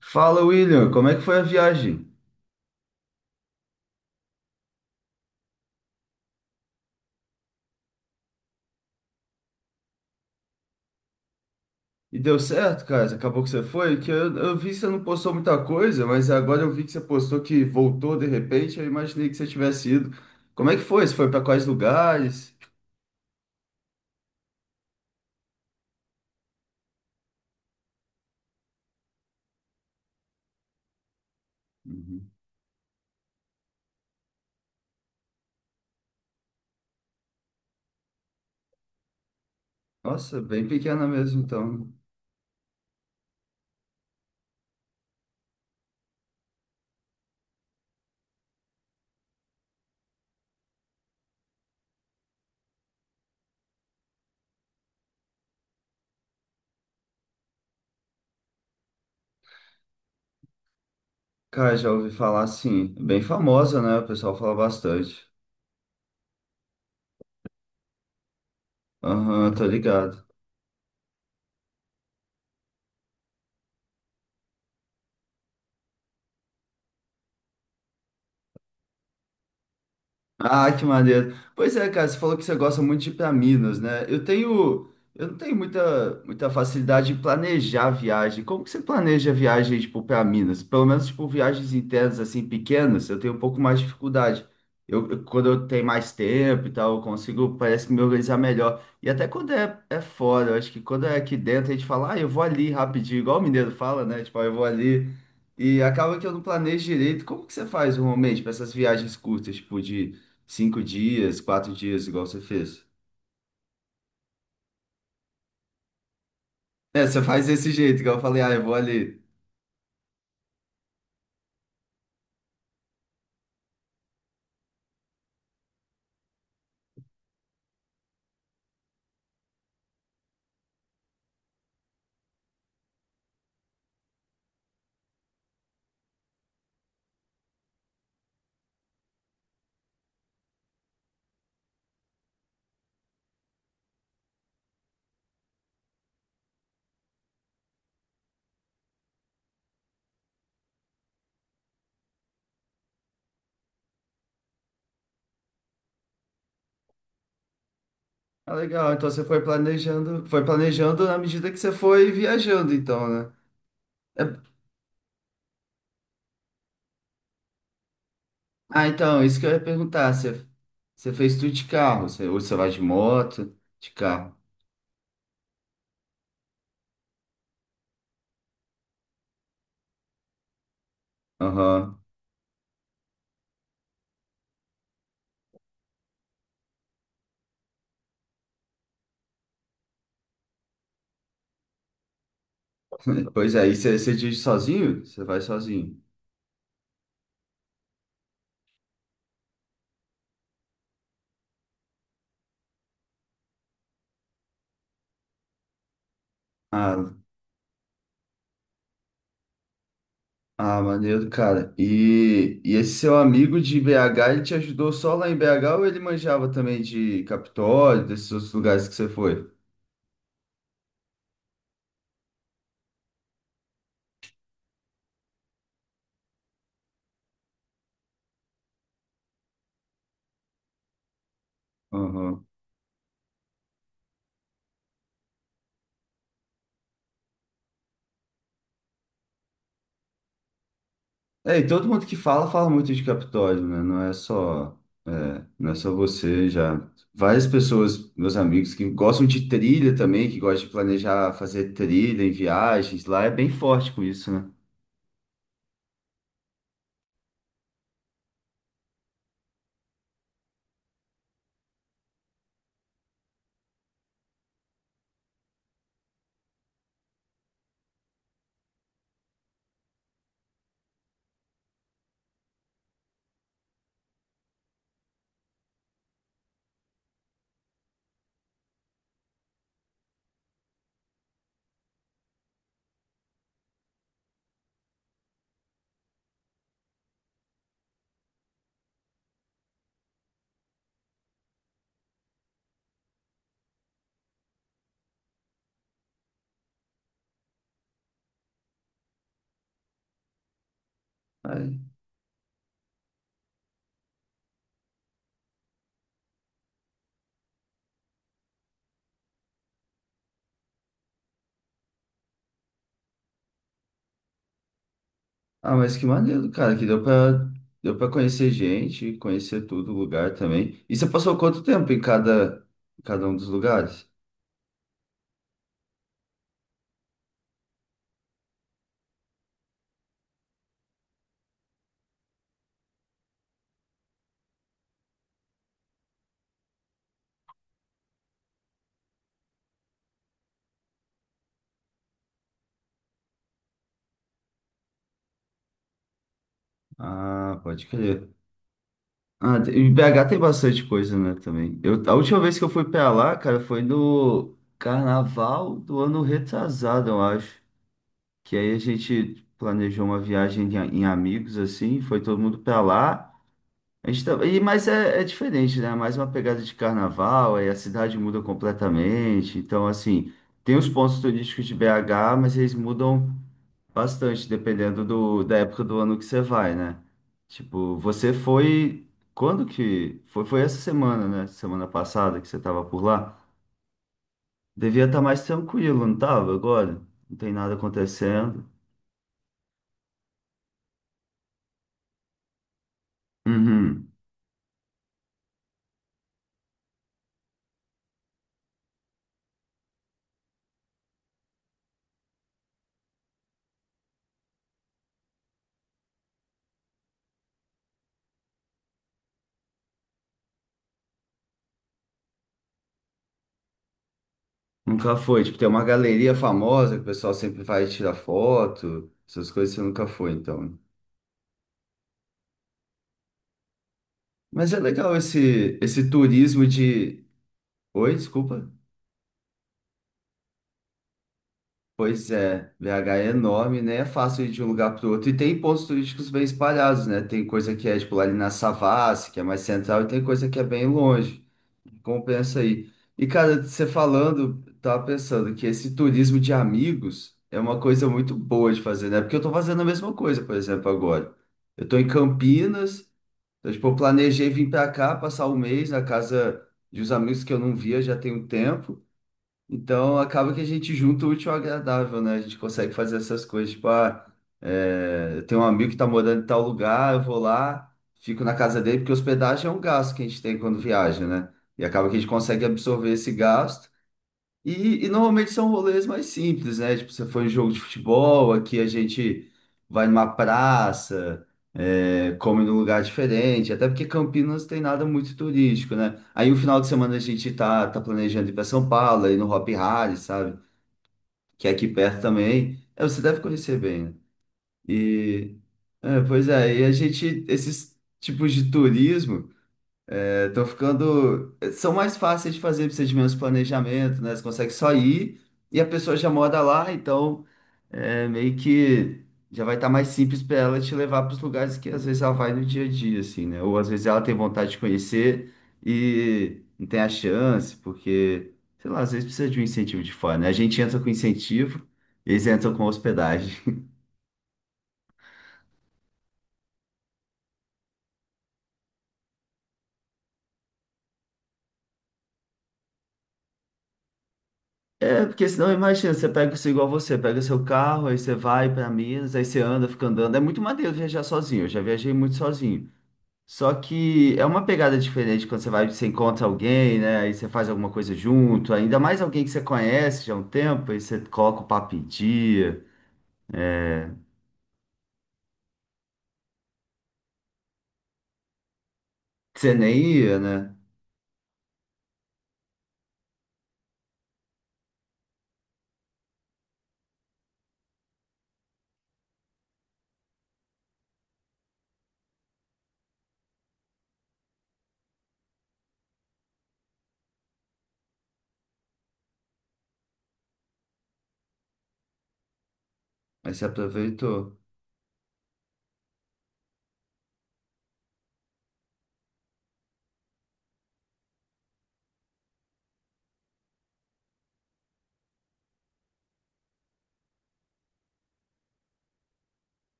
Fala, William, como é que foi a viagem? E deu certo, cara? Acabou que você foi? Que eu vi que você não postou muita coisa, mas agora eu vi que você postou que voltou de repente. Eu imaginei que você tivesse ido. Como é que foi? Você foi para quais lugares? Uhum. Nossa, bem pequena mesmo, então. Cara, já ouvi falar assim, bem famosa, né? O pessoal fala bastante. Aham, tô ligado. Ah, que maneiro. Pois é, cara, você falou que você gosta muito de ir para Minas, né? Eu não tenho muita facilidade de planejar a viagem. Como que você planeja a viagem, tipo, para Minas? Pelo menos, tipo, viagens internas, assim, pequenas, eu tenho um pouco mais de dificuldade. Quando eu tenho mais tempo e tal, eu consigo, parece que me organizar melhor. E até quando é fora, eu acho que quando é aqui dentro, a gente fala, ah, eu vou ali rapidinho, igual o mineiro fala, né? Tipo, ah, eu vou ali. E acaba que eu não planejo direito. Como que você faz normalmente para essas viagens curtas, tipo, de cinco dias, quatro dias, igual você fez. É, você faz desse jeito, igual eu falei, ah, eu vou ali. Ah, legal. Então você foi planejando na medida que você foi viajando, então, né? É- Ah, então, isso que eu ia perguntar. Você, você fez tudo de carro? Você, ou você vai de moto, de carro? Aham. Pois é, e você, você dirige sozinho? Você vai sozinho. Ah, Ah, maneiro, cara. E esse seu amigo de BH, ele te ajudou só lá em BH ou ele manjava também de Capitólio, desses outros lugares que você foi? Aham. É, e todo mundo que fala, fala muito de Capitólio, né? É, não é só você, já. Várias pessoas, meus amigos, que gostam de trilha também, que gostam de planejar fazer trilha em viagens, lá é bem forte com isso, né? Ah, mas que maneiro, cara, deu pra conhecer gente, conhecer tudo, o lugar também. E você passou quanto tempo em em cada um dos lugares? Ah, pode crer. Ah, te- em BH tem bastante coisa, né, também. Eu, a última vez que eu fui pra lá, cara, foi no carnaval do ano retrasado, eu acho. Que aí a gente planejou uma viagem em, a- em amigos, assim, foi todo mundo pra lá. A gente tá- mas é diferente, né? Mais uma pegada de carnaval, aí a cidade muda completamente. Então, assim, tem os pontos turísticos de BH, mas eles mudam bastante, dependendo da época do ano que você vai, né? Tipo, você foi. Quando que. Foi, foi essa semana, né? Semana passada que você tava por lá. Devia estar mais tranquilo, não tava? Agora? Não tem nada acontecendo. Uhum. Nunca foi. Tipo, tem uma galeria famosa que o pessoal sempre vai tirar foto, essas coisas você nunca foi, então. Mas é legal esse turismo de. Oi, desculpa. Pois é, BH é enorme, né? É fácil ir de um lugar para outro. E tem pontos turísticos bem espalhados, né? Tem coisa que é, tipo, lá ali na Savassi, que é mais central, e tem coisa que é bem longe. Compensa aí. E, cara, você falando, tava pensando que esse turismo de amigos é uma coisa muito boa de fazer, né? Porque eu tô fazendo a mesma coisa, por exemplo, agora. Eu tô em Campinas, então, tipo, eu planejei vir pra cá, passar um mês na casa de uns amigos que eu não via já tem um tempo. Então acaba que a gente junta o útil ao agradável, né? A gente consegue fazer essas coisas. Tipo, ah, é, eu tenho um amigo que tá morando em tal lugar, eu vou lá, fico na casa dele, porque hospedagem é um gasto que a gente tem quando viaja, né? E acaba que a gente consegue absorver esse gasto. E normalmente são rolês mais simples, né? Tipo, você foi em jogo de futebol, aqui a gente vai numa praça, é, come num lugar diferente, até porque Campinas tem nada muito turístico, né? Aí o final de semana a gente tá planejando ir para São Paulo, aí no Hopi Hari, sabe? Que é aqui perto também. É, você deve conhecer bem, né? E, é, pois é, e a gente, esses tipos de turismo. É, tô ficando. São mais fáceis de fazer procedimentos de planejamento, né? Você consegue só ir e a pessoa já mora lá, então é, meio que já vai estar mais simples para ela te levar para os lugares que às vezes ela vai no dia a dia, assim, né? Ou às vezes ela tem vontade de conhecer e não tem a chance, porque, sei lá, às vezes precisa de um incentivo de fora, né? A gente entra com incentivo, eles entram com hospedagem. É, porque senão, imagina, você pega isso igual você, pega seu carro, aí você vai para Minas, aí você anda, fica andando. É muito maneiro viajar sozinho, eu já viajei muito sozinho. Só que é uma pegada diferente quando você vai, você encontra alguém, né? Aí você faz alguma coisa junto, ainda mais alguém que você conhece já há um tempo, aí você coloca o papo em dia, é, que você nem ia, né? Aí você aproveitou.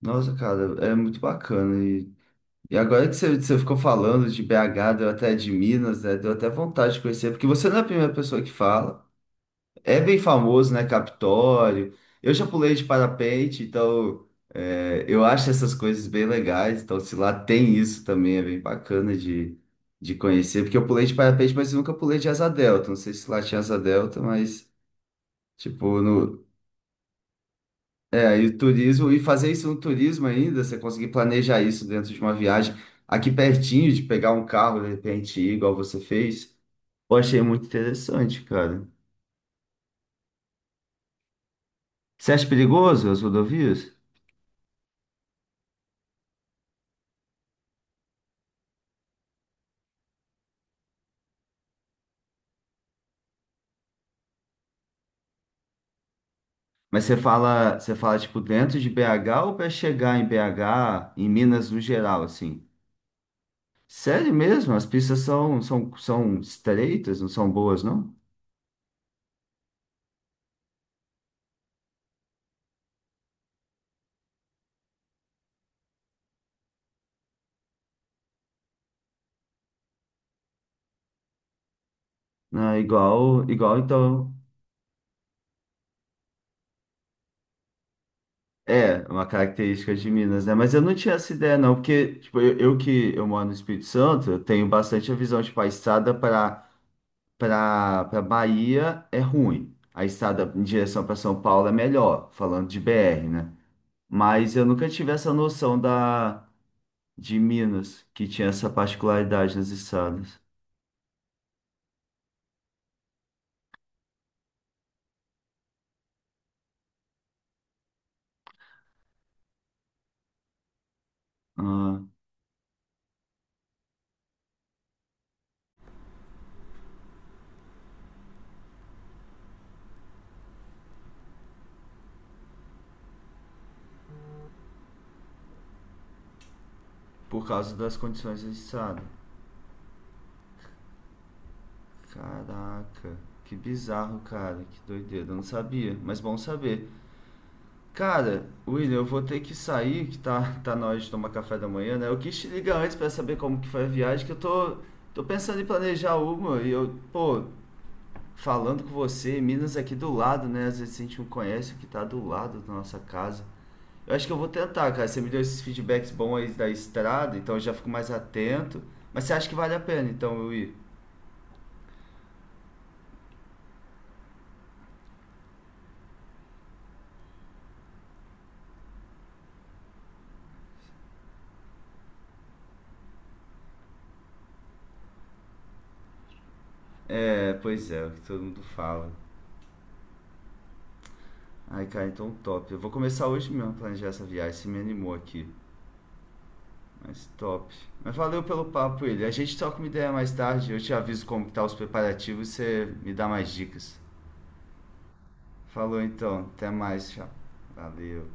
Nossa, cara, é muito bacana. E agora que você, você ficou falando de BH, deu até de Minas, né? Deu até vontade de conhecer, porque você não é a primeira pessoa que fala. É bem famoso, né? Capitólio. Eu já pulei de parapente, então é, eu acho essas coisas bem legais. Então, se lá tem isso também, é bem bacana de conhecer. Porque eu pulei de parapente, mas eu nunca pulei de asa delta. Não sei se lá tinha asa delta, mas, tipo, no. É, aí o turismo, e fazer isso no turismo ainda, você conseguir planejar isso dentro de uma viagem aqui pertinho, de pegar um carro, de repente, ir igual você fez, eu achei muito interessante, cara. Você acha perigoso as rodovias? Mas você fala tipo dentro de BH ou para chegar em BH, em Minas no geral, assim? Sério mesmo? As são estreitas, não são boas, não? Não, igual então. É, uma característica de Minas, né? Mas eu não tinha essa ideia, não, porque tipo, eu que eu moro no Espírito Santo, eu tenho bastante a visão, tipo, a estrada para Bahia é ruim. A estrada em direção para São Paulo é melhor, falando de BR, né? Mas eu nunca tive essa noção da de Minas, que tinha essa particularidade nas estradas. Ah, por causa das condições da estrada. Caraca, que bizarro, cara, que doideira. Eu não sabia, mas bom saber. Cara, William, eu vou ter que sair, que tá na hora de tomar café da manhã, né? Eu quis te ligar antes pra saber como que foi a viagem, que eu tô pensando em planejar uma e eu, pô, falando com você, Minas aqui do lado, né? Às vezes a gente não conhece o que tá do lado da nossa casa. Eu acho que eu vou tentar, cara. Você me deu esses feedbacks bons aí da estrada, então eu já fico mais atento. Mas você acha que vale a pena, então, eu ir? É, pois é, o que todo mundo fala. Ai, cara, então top. Eu vou começar hoje mesmo a planejar essa viagem, você me animou aqui. Mas top. Mas valeu pelo papo, ele. A gente troca uma ideia mais tarde, eu te aviso como que tá os preparativos e você me dá mais dicas. Falou então, até mais, tchau. Valeu.